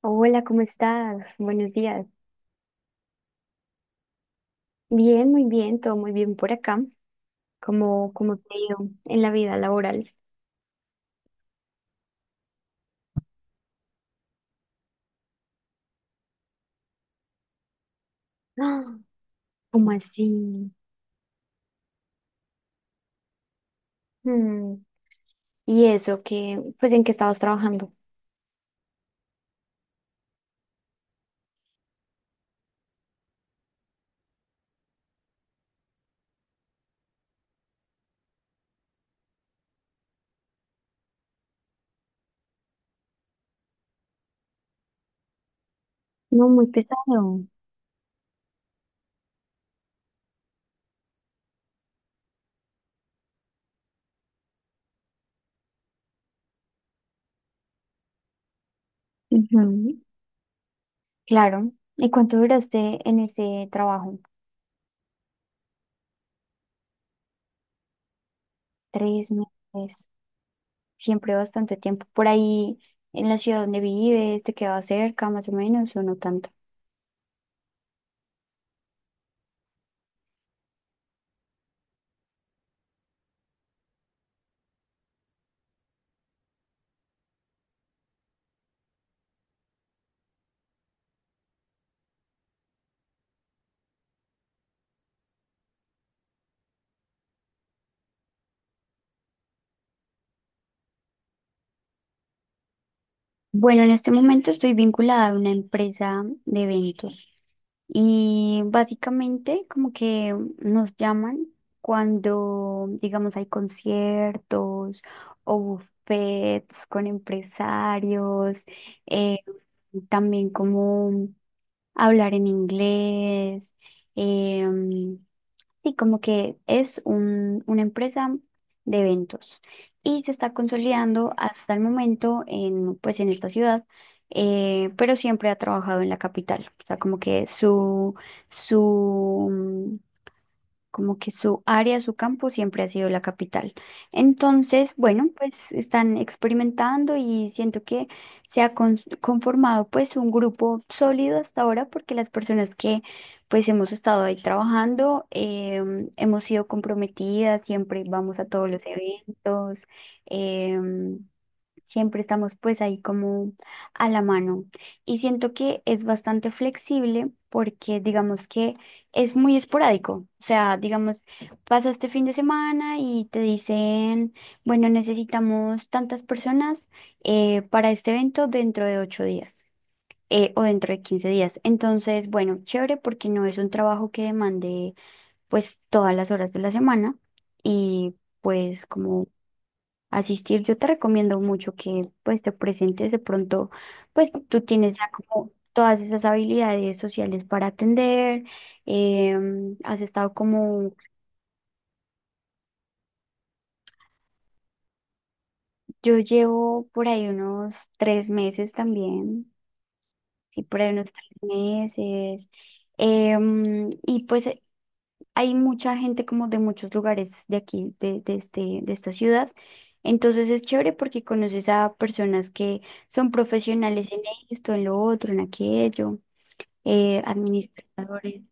Hola, ¿cómo estás? Buenos días. Bien, muy bien, todo muy bien por acá. ¿Cómo, cómo te ha ido en la vida laboral? ¡Ah! ¿Cómo así? Mm, ¿y eso que, pues en qué estabas trabajando? No, muy pesado. Ujú, claro. ¿Y cuánto duraste en ese trabajo? Tres meses, siempre bastante tiempo. Por ahí, en la ciudad donde vives, ¿te quedaba cerca más o menos o no tanto? Bueno, en este momento estoy vinculada a una empresa de eventos. Y básicamente como que nos llaman cuando, digamos, hay conciertos o buffets con empresarios, eh, también como hablar en inglés, em, sí, como que es una empresa de eventos y se está consolidando hasta el momento en, pues, en esta ciudad, pero siempre ha trabajado en la capital. O sea, como que su, como que su área, su campo siempre ha sido la capital. Entonces, bueno, pues están experimentando y siento que se ha conformado pues un grupo sólido hasta ahora porque las personas que pues hemos estado ahí trabajando, hemos sido comprometidas, siempre vamos a todos los eventos, em, siempre estamos pues ahí como a la mano. Y siento que es bastante flexible porque digamos que es muy esporádico. O sea, digamos, pasa este fin de semana y te dicen, bueno, necesitamos tantas personas para este evento dentro de 8 días o dentro de 15 días. Entonces, bueno, chévere porque no es un trabajo que demande pues todas las horas de la semana y pues como asistir. Yo te recomiendo mucho que pues te presentes de pronto, pues tú tienes ya como todas esas habilidades sociales para atender, has estado como, yo llevo por ahí unos 3 meses también, sí, por ahí unos 3 meses. Y pues hay mucha gente como de muchos lugares de aquí, de este, de esta ciudad. Entonces es chévere porque conoces a personas que son profesionales en esto, en lo otro, en aquello, administradores.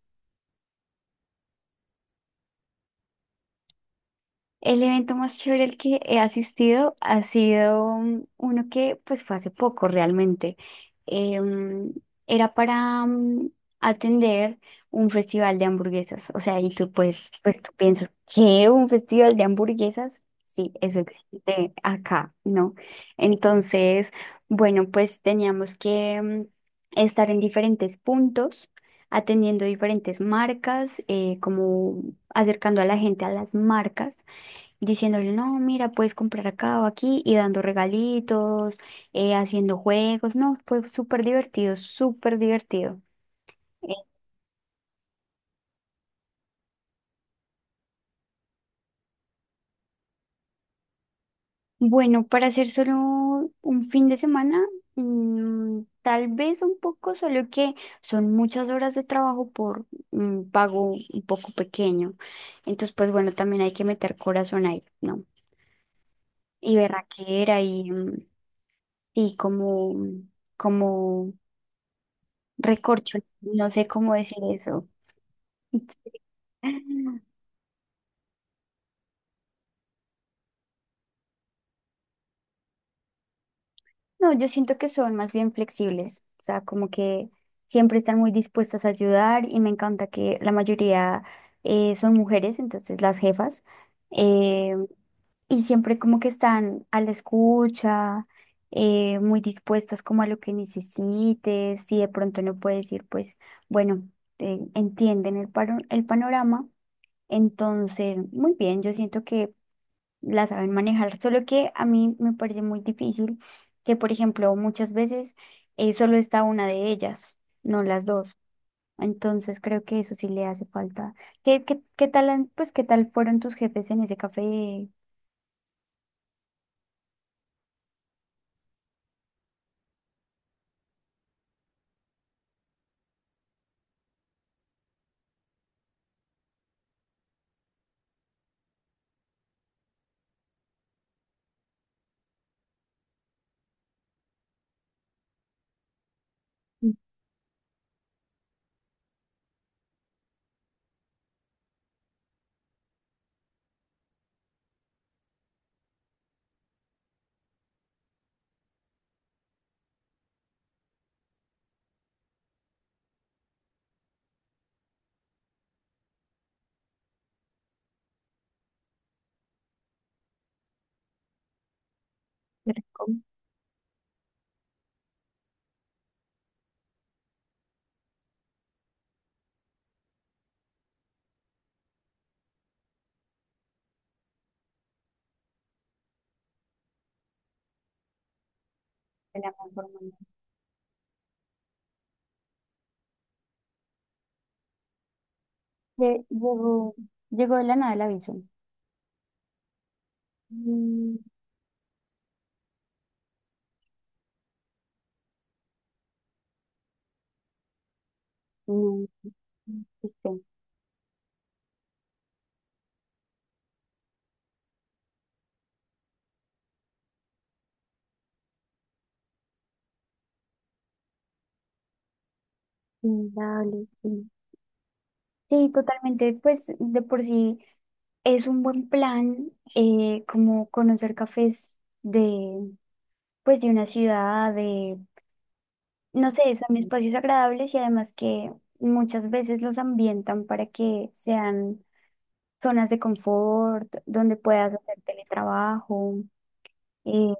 El evento más chévere al que he asistido ha sido uno que pues fue hace poco realmente. Eh, mm, era para atender un festival de hamburguesas. O sea, y tú pues tú piensas, ¿qué? ¿Un festival de hamburguesas? Sí, eso existe acá, ¿no? Entonces, bueno, pues teníamos que estar en diferentes puntos, atendiendo diferentes marcas, como acercando a la gente a las marcas diciéndole, no, mira, puedes comprar acá o aquí, y dando regalitos, haciendo juegos, no, fue súper divertido, súper divertido. Eh, Bueno, para hacer solo un fin de semana, mm, tal vez un poco, solo que son muchas horas de trabajo por un pago un poco pequeño. Entonces, pues bueno, también hay que meter corazón ahí, ¿no? Y berraquera y como, como recorcho, no sé cómo decir eso. No, yo siento que son más bien flexibles, o sea, como que siempre están muy dispuestas a ayudar y me encanta que la mayoría son mujeres, entonces las jefas, eh, y siempre como que están a la escucha, muy dispuestas como a lo que necesites, si de pronto no puedes ir, pues bueno, entienden el panorama, entonces, muy bien, yo siento que la saben manejar, solo que a mí me parece muy difícil que, por ejemplo, muchas veces solo está una de ellas, no las dos. Entonces creo que eso sí le hace falta. ¿Qué, qué tal, pues, qué tal fueron tus jefes en ese café de Rincón? ¿De la Conformación? Llegó, llegó de la nada el aviso. Mm, no, no existe. Inevitable, sí. Sí, totalmente. Pues de por sí. Es un buen plan, como conocer cafés de, pues, de una ciudad, de, no sé, son espacios agradables y además que muchas veces los ambientan para que sean zonas de confort, donde puedas hacer teletrabajo. eh,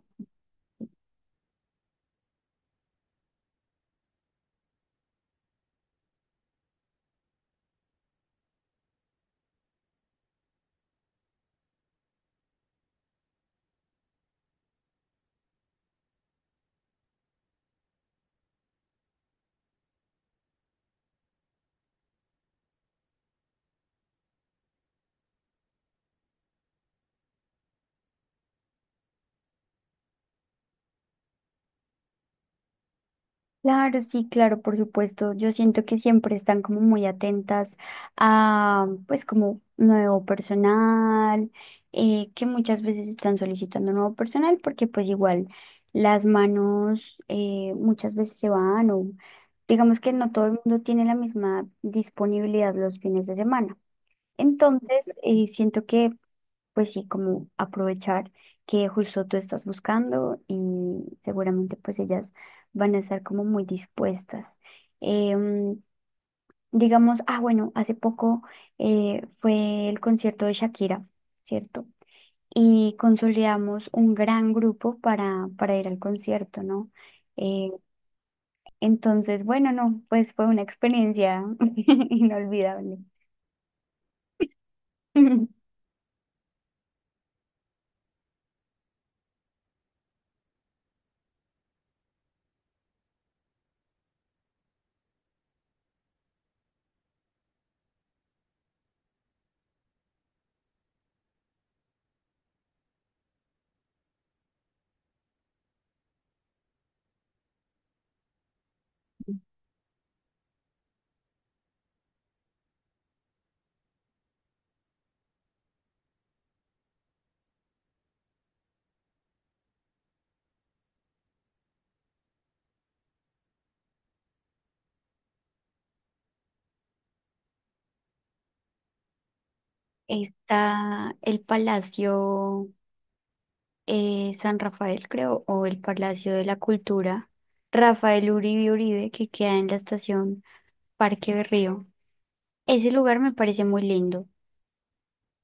Claro, sí, claro, por supuesto. Yo siento que siempre están como muy atentas a, pues, como nuevo personal, que muchas veces están solicitando nuevo personal porque, pues, igual las manos muchas veces se van o digamos que no todo el mundo tiene la misma disponibilidad los fines de semana. Entonces, siento que pues sí, como aprovechar que justo tú estás buscando y seguramente pues ellas van a estar como muy dispuestas. Em, digamos, ah, bueno, hace poco fue el concierto de Shakira, ¿cierto? Y consolidamos un gran grupo para ir al concierto, ¿no? Eh, entonces, bueno, no, pues fue una experiencia inolvidable. Está el Palacio, San Rafael, creo, o el Palacio de la Cultura, Rafael Uribe Uribe, que queda en la estación Parque Berrío. Ese lugar me parece muy lindo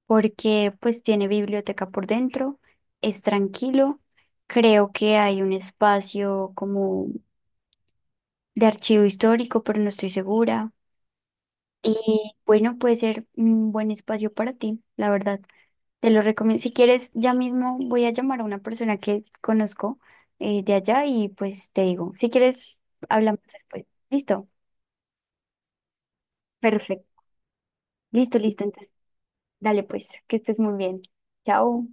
porque pues tiene biblioteca por dentro, es tranquilo, creo que hay un espacio como de archivo histórico, pero no estoy segura. Y bueno, puede ser un buen espacio para ti, la verdad. Te lo recomiendo. Si quieres, ya mismo voy a llamar a una persona que conozco de allá y pues te digo, si quieres, hablamos después. Listo, perfecto. Listo, listo. Entonces, dale pues, que estés muy bien. Chao.